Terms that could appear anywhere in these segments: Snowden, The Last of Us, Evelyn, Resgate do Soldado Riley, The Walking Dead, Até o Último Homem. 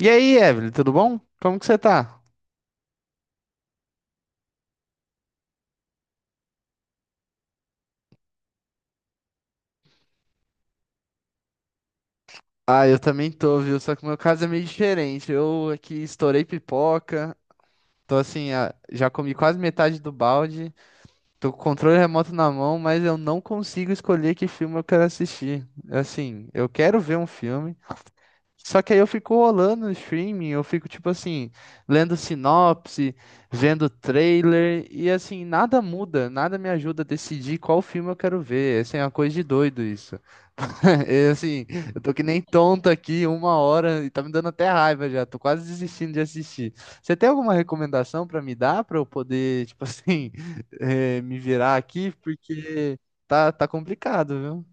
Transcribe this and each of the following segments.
E aí, Evelyn, tudo bom? Como que você tá? Ah, eu também tô, viu? Só que o meu caso é meio diferente. Eu aqui estourei pipoca, tô assim, ah, já comi quase metade do balde, tô com o controle remoto na mão, mas eu não consigo escolher que filme eu quero assistir. Assim, eu quero ver um filme, só que aí eu fico rolando no streaming, eu fico tipo assim, lendo sinopse, vendo trailer, e assim, nada muda, nada me ajuda a decidir qual filme eu quero ver. Assim, é uma coisa de doido isso. E, assim, eu tô que nem tonto aqui uma hora e tá me dando até raiva já, tô quase desistindo de assistir. Você tem alguma recomendação pra me dar pra eu poder, tipo assim, me virar aqui? Porque tá complicado, viu?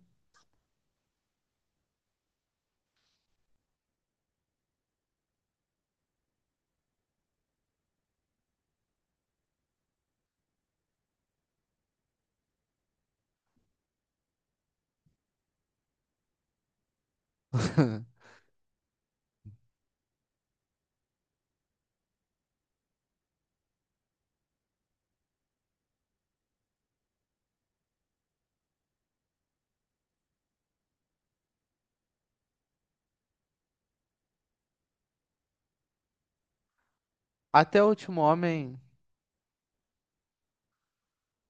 Até o Último Homem.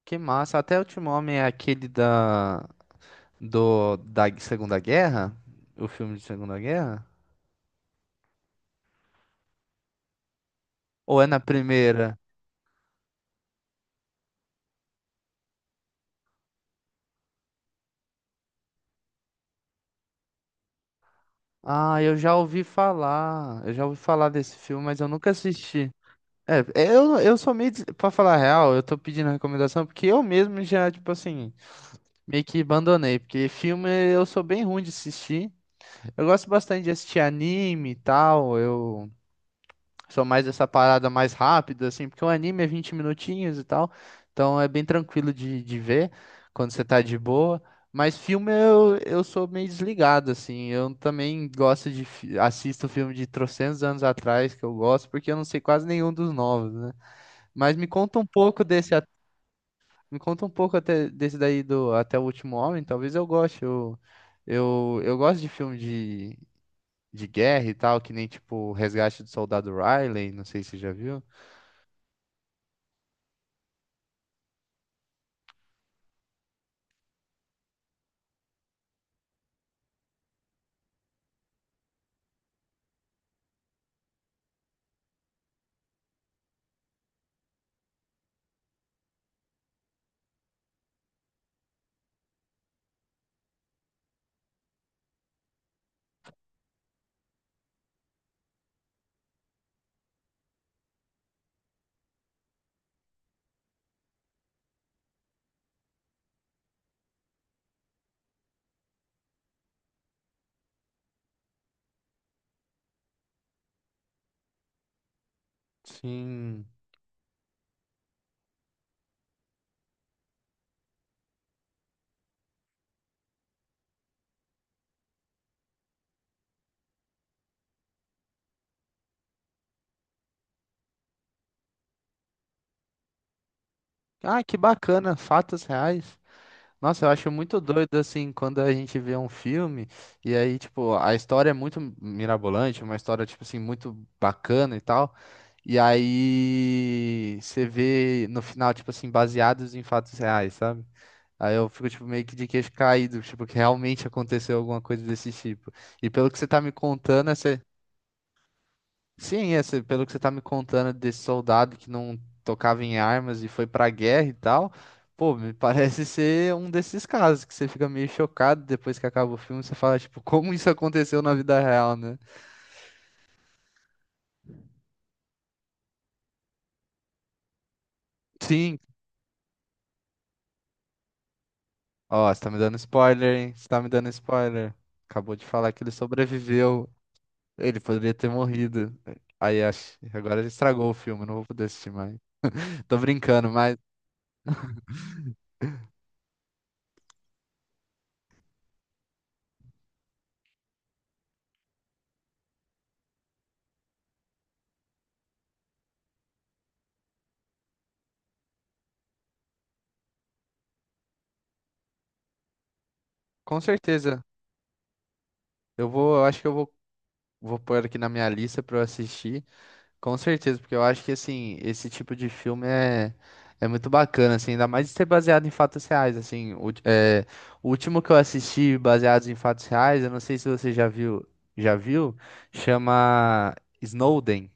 Que massa. Até o último homem é aquele da Segunda Guerra? O filme de Segunda Guerra? Ou é na primeira? Ah, eu já ouvi falar. Eu já ouvi falar desse filme, mas eu nunca assisti. É, eu sou meio. Pra falar a real, eu tô pedindo recomendação porque eu mesmo já, tipo assim, meio que abandonei. Porque filme eu sou bem ruim de assistir. Eu gosto bastante de assistir anime e tal. Eu. Sou mais essa parada mais rápida, assim, porque o anime é 20 minutinhos e tal, então é bem tranquilo de ver quando você tá de boa. Mas filme eu sou meio desligado, assim. Eu também gosto de. Assisto filme de trocentos anos atrás que eu gosto, porque eu não sei quase nenhum dos novos, né? Mas me conta um pouco desse. Me conta um pouco até, desse daí do Até o Último Homem, talvez eu goste. Eu gosto de filme de guerra e tal, que nem tipo Resgate do Soldado Riley, não sei se você já viu. Sim. Ah, que bacana, fatos reais. Nossa, eu acho muito doido assim quando a gente vê um filme e aí, tipo, a história é muito mirabolante, uma história, tipo assim, muito bacana e tal. E aí você vê no final, tipo assim, baseados em fatos reais, sabe? Aí eu fico, tipo, meio que de queixo caído, tipo, que realmente aconteceu alguma coisa desse tipo. E pelo que você tá me contando, sim, esse, pelo que você tá me contando desse soldado que não tocava em armas e foi pra guerra e tal, pô, me parece ser um desses casos que você fica meio chocado depois que acaba o filme, você fala, tipo, como isso aconteceu na vida real, né? Sim, ó, você tá me dando spoiler, hein? Você tá me dando spoiler. Acabou de falar que ele sobreviveu. Ele poderia ter morrido. Aí acho, agora ele estragou o filme, não vou poder assistir mais. Tô brincando, mas com certeza eu vou, eu acho que eu vou, vou pôr aqui na minha lista pra eu assistir. Com certeza, porque eu acho que assim, esse tipo de filme é muito bacana, assim, ainda mais de ser baseado em fatos reais, assim, o, é, o último que eu assisti baseado em fatos reais, eu não sei se você já viu, chama Snowden.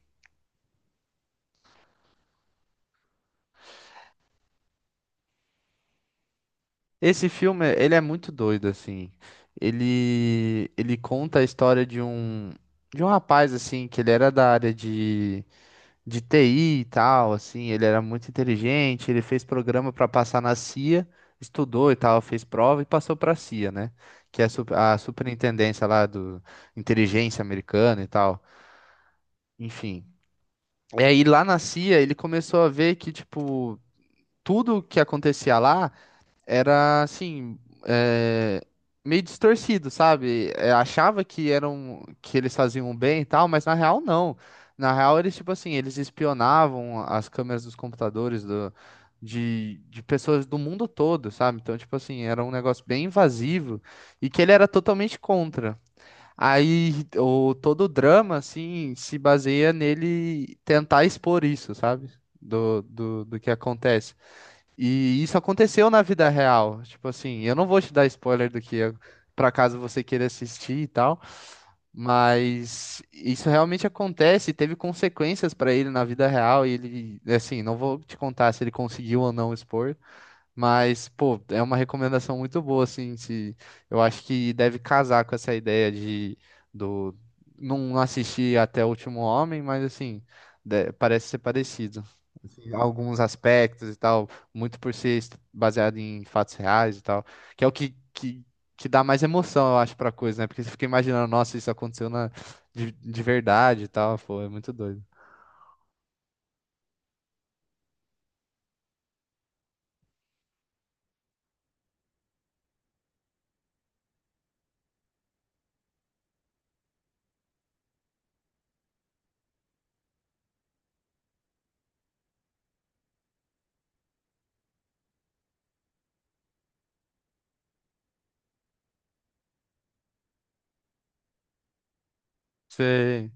Esse filme, ele é muito doido, assim, ele conta a história de um rapaz, assim, que ele era da área de TI e tal, assim, ele era muito inteligente, ele fez programa para passar na CIA, estudou e tal, fez prova e passou para a CIA, né? Que é a superintendência lá do inteligência americana e tal. Enfim. E aí lá na CIA ele começou a ver que, tipo, tudo que acontecia lá era assim, é, meio distorcido, sabe? É, achava que eram que eles faziam bem e tal, mas na real não. Na real eles tipo assim, eles espionavam as câmeras dos computadores de pessoas do mundo todo, sabe? Então tipo assim, era um negócio bem invasivo e que ele era totalmente contra. Aí o todo o drama assim se baseia nele tentar expor isso, sabe? Do que acontece. E isso aconteceu na vida real. Tipo assim, eu não vou te dar spoiler do que é, pra caso você queira assistir e tal, mas isso realmente acontece, e teve consequências pra ele na vida real e ele, assim, não vou te contar se ele conseguiu ou não expor, mas pô, é uma recomendação muito boa assim, se eu acho que deve casar com essa ideia de do não assistir até o último homem, mas assim, parece ser parecido alguns aspectos e tal, muito por ser baseado em fatos reais e tal, que é o que dá mais emoção, eu acho, pra coisa, né? Porque você fica imaginando, nossa, isso aconteceu de verdade e tal, pô, é muito doido. Sei.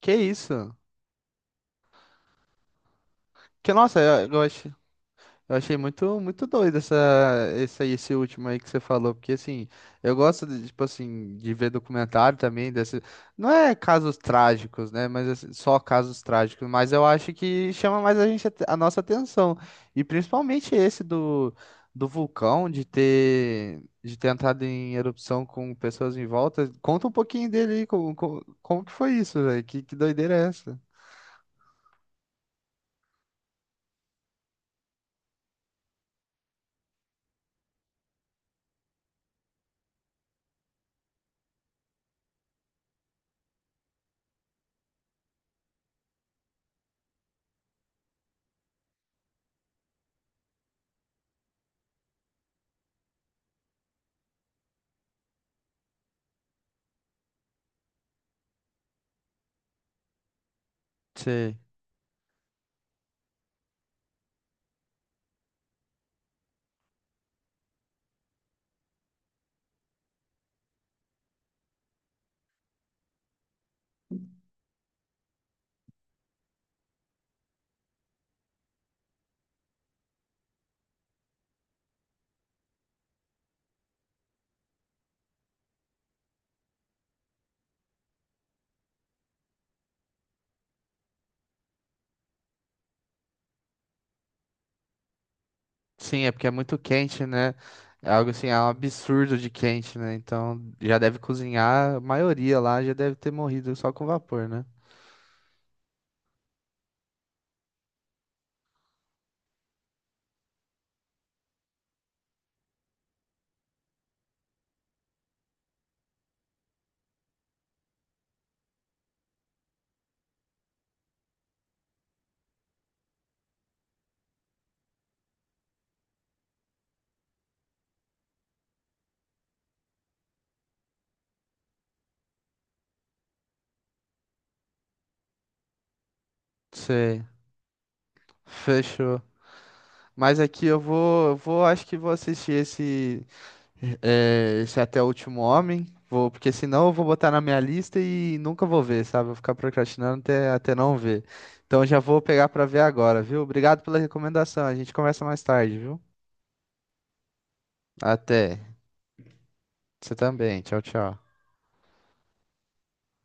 Que isso? Que, nossa, eu acho. Eu achei muito, muito doido essa, esse último aí que você falou, porque assim, eu gosto de, tipo assim, de ver documentário também desse, não é casos trágicos, né, mas assim, só casos trágicos, mas eu acho que chama mais a gente, a nossa atenção, e principalmente esse do vulcão, de ter entrado em erupção com pessoas em volta, conta um pouquinho dele aí, como que foi isso, velho, que doideira é essa? Sei. Sim, é porque é muito quente, né? É algo assim, é um absurdo de quente, né? Então já deve cozinhar, a maioria lá já deve ter morrido só com vapor, né? Sei, fechou. Mas aqui eu vou, acho que vou assistir esse, esse Até o Último Homem, vou, porque senão eu vou botar na minha lista e nunca vou ver, sabe? Vou ficar procrastinando até não ver. Então já vou pegar pra ver agora, viu? Obrigado pela recomendação, a gente conversa mais tarde, viu? Até. Você também, tchau, tchau.